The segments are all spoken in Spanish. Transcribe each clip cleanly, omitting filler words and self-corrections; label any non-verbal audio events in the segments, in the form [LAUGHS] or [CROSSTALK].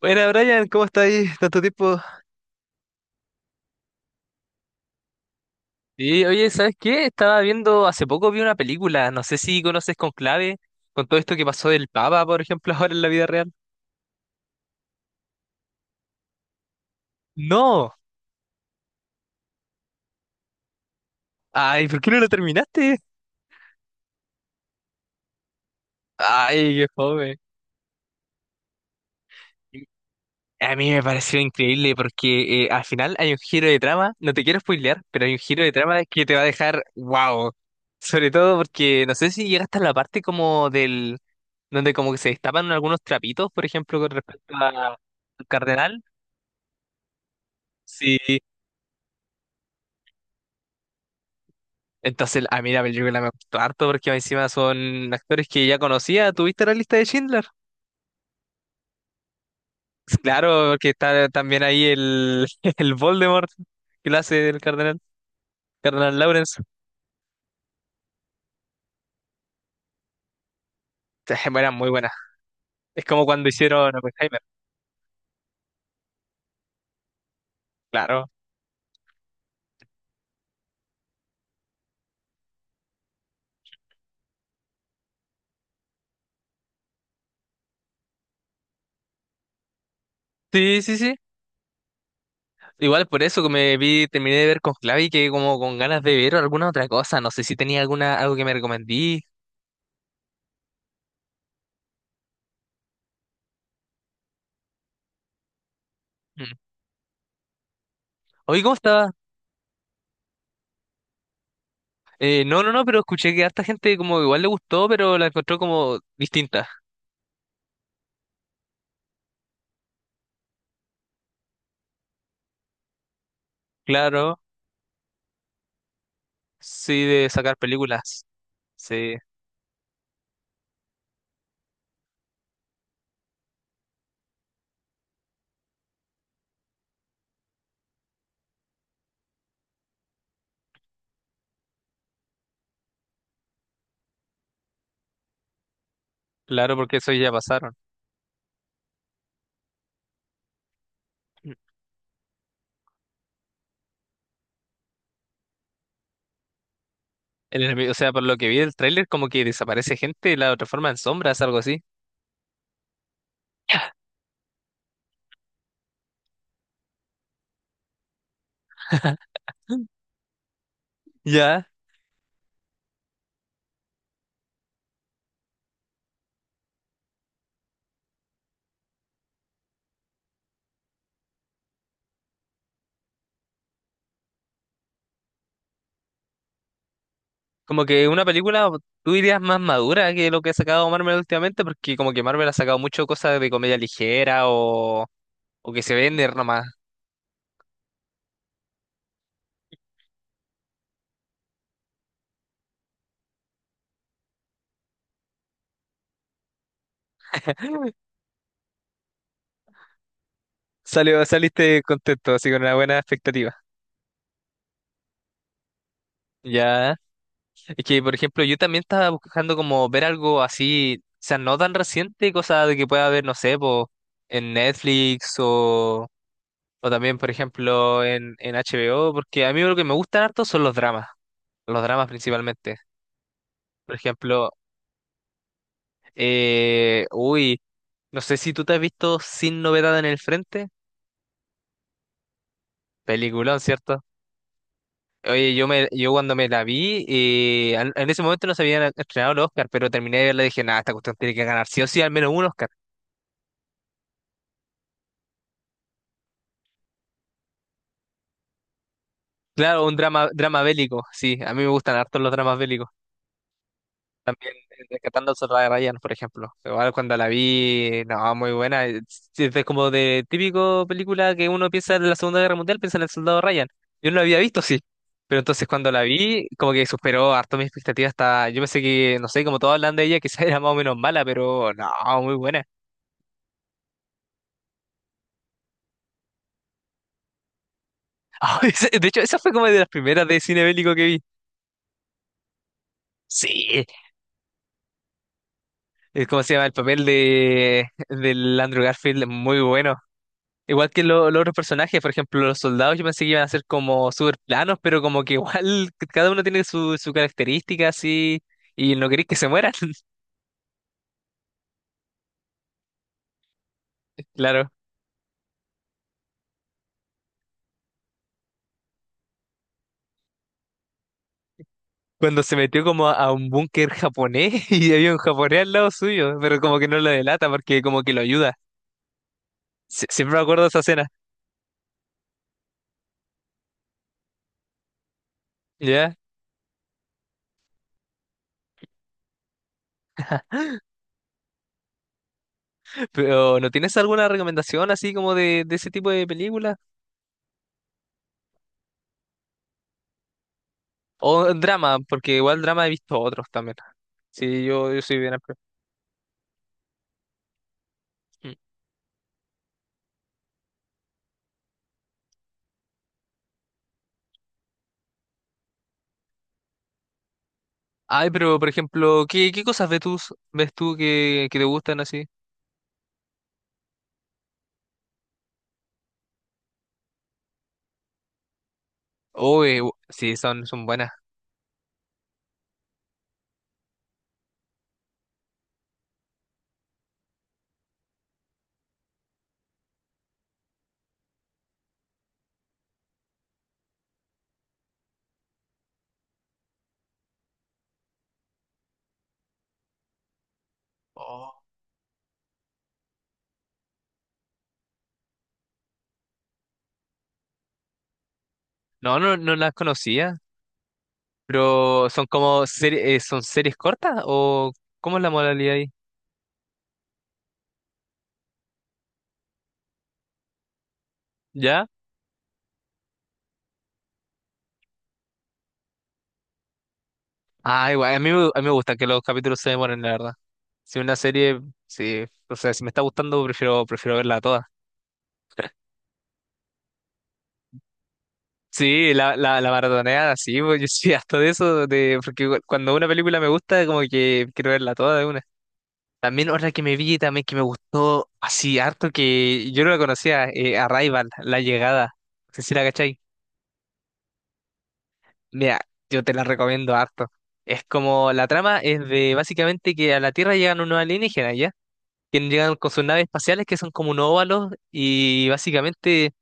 Buena, Brian, ¿cómo está ahí? Tanto tiempo. Y oye, ¿sabes qué? Estaba viendo, hace poco vi una película, no sé si conoces Conclave, con todo esto que pasó del Papa, por ejemplo, [LAUGHS] ahora en la vida real. No, ay, ¿por qué no la terminaste? Ay, qué fome. A mí me pareció increíble porque al final hay un giro de trama, no te quiero spoilear, pero hay un giro de trama que te va a dejar wow. Sobre todo porque no sé si llegaste a la parte como del, donde como que se destapan algunos trapitos, por ejemplo, con respecto al cardenal. Sí, entonces a mí la película me gustó harto porque encima son actores que ya conocía. ¿Tuviste la lista de Schindler? [LAUGHS] Claro, porque está también ahí el, [LAUGHS] el Voldemort que lo hace el cardenal, cardenal Lawrence. [LAUGHS] eran muy buenas. Es como cuando hicieron Oppenheimer, claro. Sí, sí, sí. Igual por eso que me vi, terminé de ver con Clavi que como con ganas de ver alguna otra cosa. No sé si tenía alguna, algo que me recomendí. Mm. Oye, ¿cómo estaba? No, no, no, pero escuché que a harta gente como igual le gustó, pero la encontró como distinta. Claro, sí, de sacar películas. Sí, claro, porque eso ya pasaron. El enemigo, o sea, por lo que vi del tráiler, como que desaparece gente y la transforma en sombras, algo así. Ya. Como que una película, tú dirías, más madura que lo que ha sacado Marvel últimamente, porque como que Marvel ha sacado mucho cosas de comedia ligera o que se vende nomás. Saliste contento, así con una buena expectativa. Ya. Es que, por ejemplo, yo también estaba buscando como ver algo así, o sea, no tan reciente, cosa de que pueda ver, no sé, po, en Netflix o también, por ejemplo, en, HBO, porque a mí lo que me gustan harto son los dramas principalmente. Por ejemplo, uy, no sé si tú te has visto Sin Novedad en el Frente, peliculón, ¿cierto? Oye, yo cuando me la vi, en ese momento no se habían estrenado los Oscar, pero terminé de verla y dije, nada, esta cuestión tiene que ganar sí o sí al menos un Oscar. Claro, un drama, drama bélico, sí, a mí me gustan harto los dramas bélicos. También Rescatando al Soldado Ryan, por ejemplo. Igual cuando la vi, no, muy buena. Es como de típico película que uno piensa en la Segunda Guerra Mundial, piensa en el Soldado Ryan. Yo no la había visto, sí. Pero entonces cuando la vi, como que superó harto mis expectativas. Hasta, yo pensé que, no sé, como todos hablan de ella, quizás [LAUGHS] era más o menos mala, pero no, muy buena. [LAUGHS] De hecho, esa fue como de las primeras de cine bélico que vi. Sí. ¿Cómo se llama? El papel de del Andrew Garfield es muy bueno. Igual que los otros personajes, por ejemplo, los soldados, yo pensé que iban a ser como súper planos, pero como que igual [LAUGHS] cada uno tiene su, su característica así y no queréis que se mueran. [LAUGHS] Claro. Cuando se metió como a un búnker japonés [LAUGHS] y había un japonés al lado suyo, pero como que no lo delata porque como que lo ayuda. Siempre me acuerdo de esa escena, ¿ya? Pero ¿no tienes alguna recomendación así como de ese tipo de películas? O drama, porque igual drama he visto otros también. Sí, yo soy bien amplio. Mm. Ay, pero por ejemplo, ¿qué cosas ves tú, que te gustan así? Oh, sí, son buenas. Oh. No, no, no las conocía, pero son como son series cortas o ¿cómo es la modalidad ahí? ¿Ya? Ah, igual, a mí me gusta que los capítulos se demoren, la verdad. Si una serie, sí, o sea, si me está gustando, prefiero verla toda. Sí, la maratoneada, sí, pues, yo soy [LAUGHS] harto de eso, de, porque igual cuando una película me gusta, como que quiero verla toda de una. También otra que me vi, también que me gustó así harto, que yo no la conocía, Arrival, La Llegada. No sé si la cachai. Mira, yo te la recomiendo harto. Es como, la trama es de básicamente que a la Tierra llegan unos alienígenas, ¿ya? Que llegan con sus naves espaciales que son como unos óvalos y básicamente.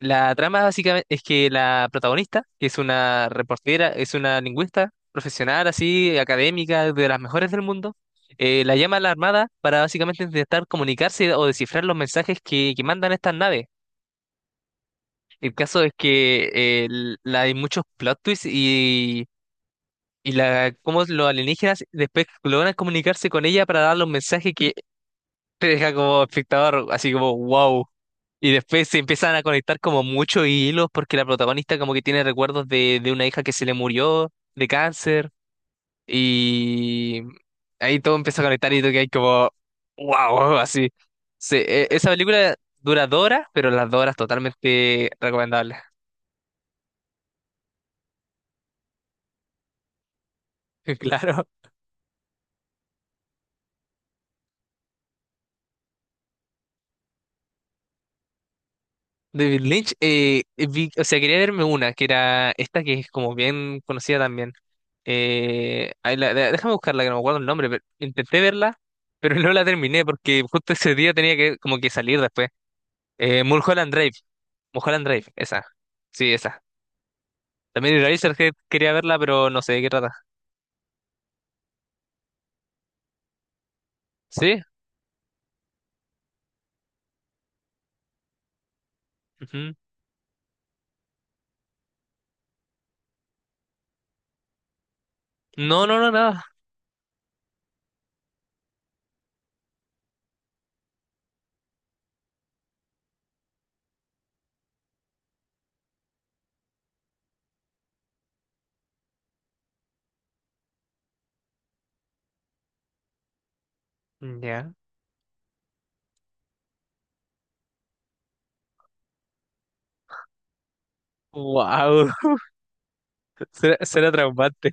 La trama básicamente es que la protagonista, que es una reportera, es una lingüista profesional, así, académica, de las mejores del mundo, la llama a la Armada para básicamente intentar comunicarse o descifrar los mensajes que mandan estas naves. El caso es que hay muchos plot twists y, cómo los alienígenas después logran comunicarse con ella para dar los mensajes que te deja como espectador, así como wow. Y después se empiezan a conectar como muchos hilos porque la protagonista como que tiene recuerdos de una hija que se le murió de cáncer y ahí todo empieza a conectar y tú que hay como wow, así. Se- e- esa película dura dos horas, pero las dos horas totalmente recomendables. [LAUGHS] Claro. David Lynch, o sea, quería verme una, que era esta que es como bien conocida también. Ahí déjame buscarla, que no me acuerdo el nombre, pero intenté verla, pero [LAUGHS] no la terminé porque justo ese día tenía que como que salir después. Mulholland Drive, Mulholland Drive, esa. Sí, esa. También Eraserhead quería verla, pero no sé de qué trata. ¿Sí? Ujú. No, no, no, nada. Ya. Wow, [LAUGHS] será traumante.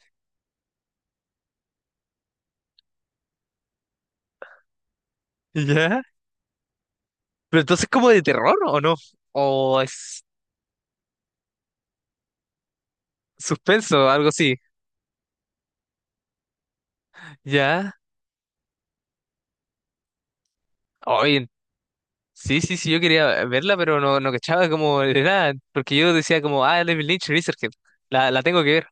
¿Ya? Pero entonces como de terror, ¿o no? O es... Suspenso, algo así. Ya. Oye, sí, sí, sí, yo quería verla, pero no, no cachaba como de nada. Porque yo decía como, ah, David Lynch, Resurgent. La tengo que ver.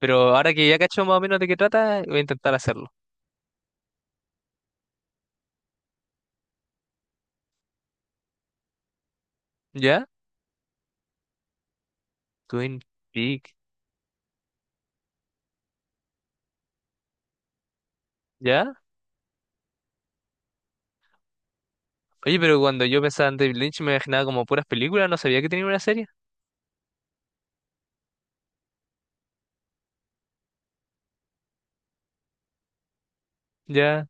Pero ahora que ya cacho más o menos de qué trata, voy a intentar hacerlo. ¿Ya? Twin Peaks. ¿Ya? Oye, pero cuando yo pensaba en David Lynch me imaginaba como puras películas, no sabía que tenía una serie. Ya.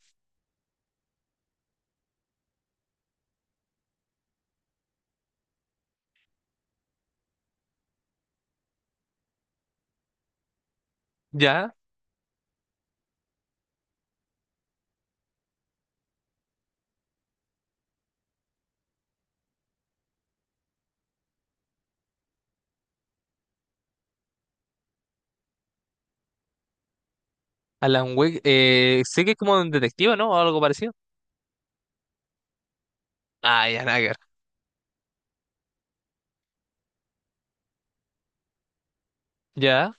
¿Ya? Alan Wake, sé que es como un detective, ¿no? O algo parecido. Ah, ya, nada que ver. ¿Ya?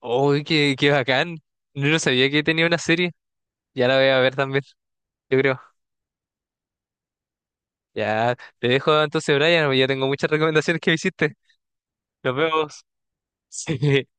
Uy, qué bacán. Yo no sabía que tenía una serie. Ya la voy a ver también. Yo creo. Ya, te dejo entonces, Brian, porque ya tengo muchas recomendaciones que me hiciste. Nos vemos. [LAUGHS] Sí.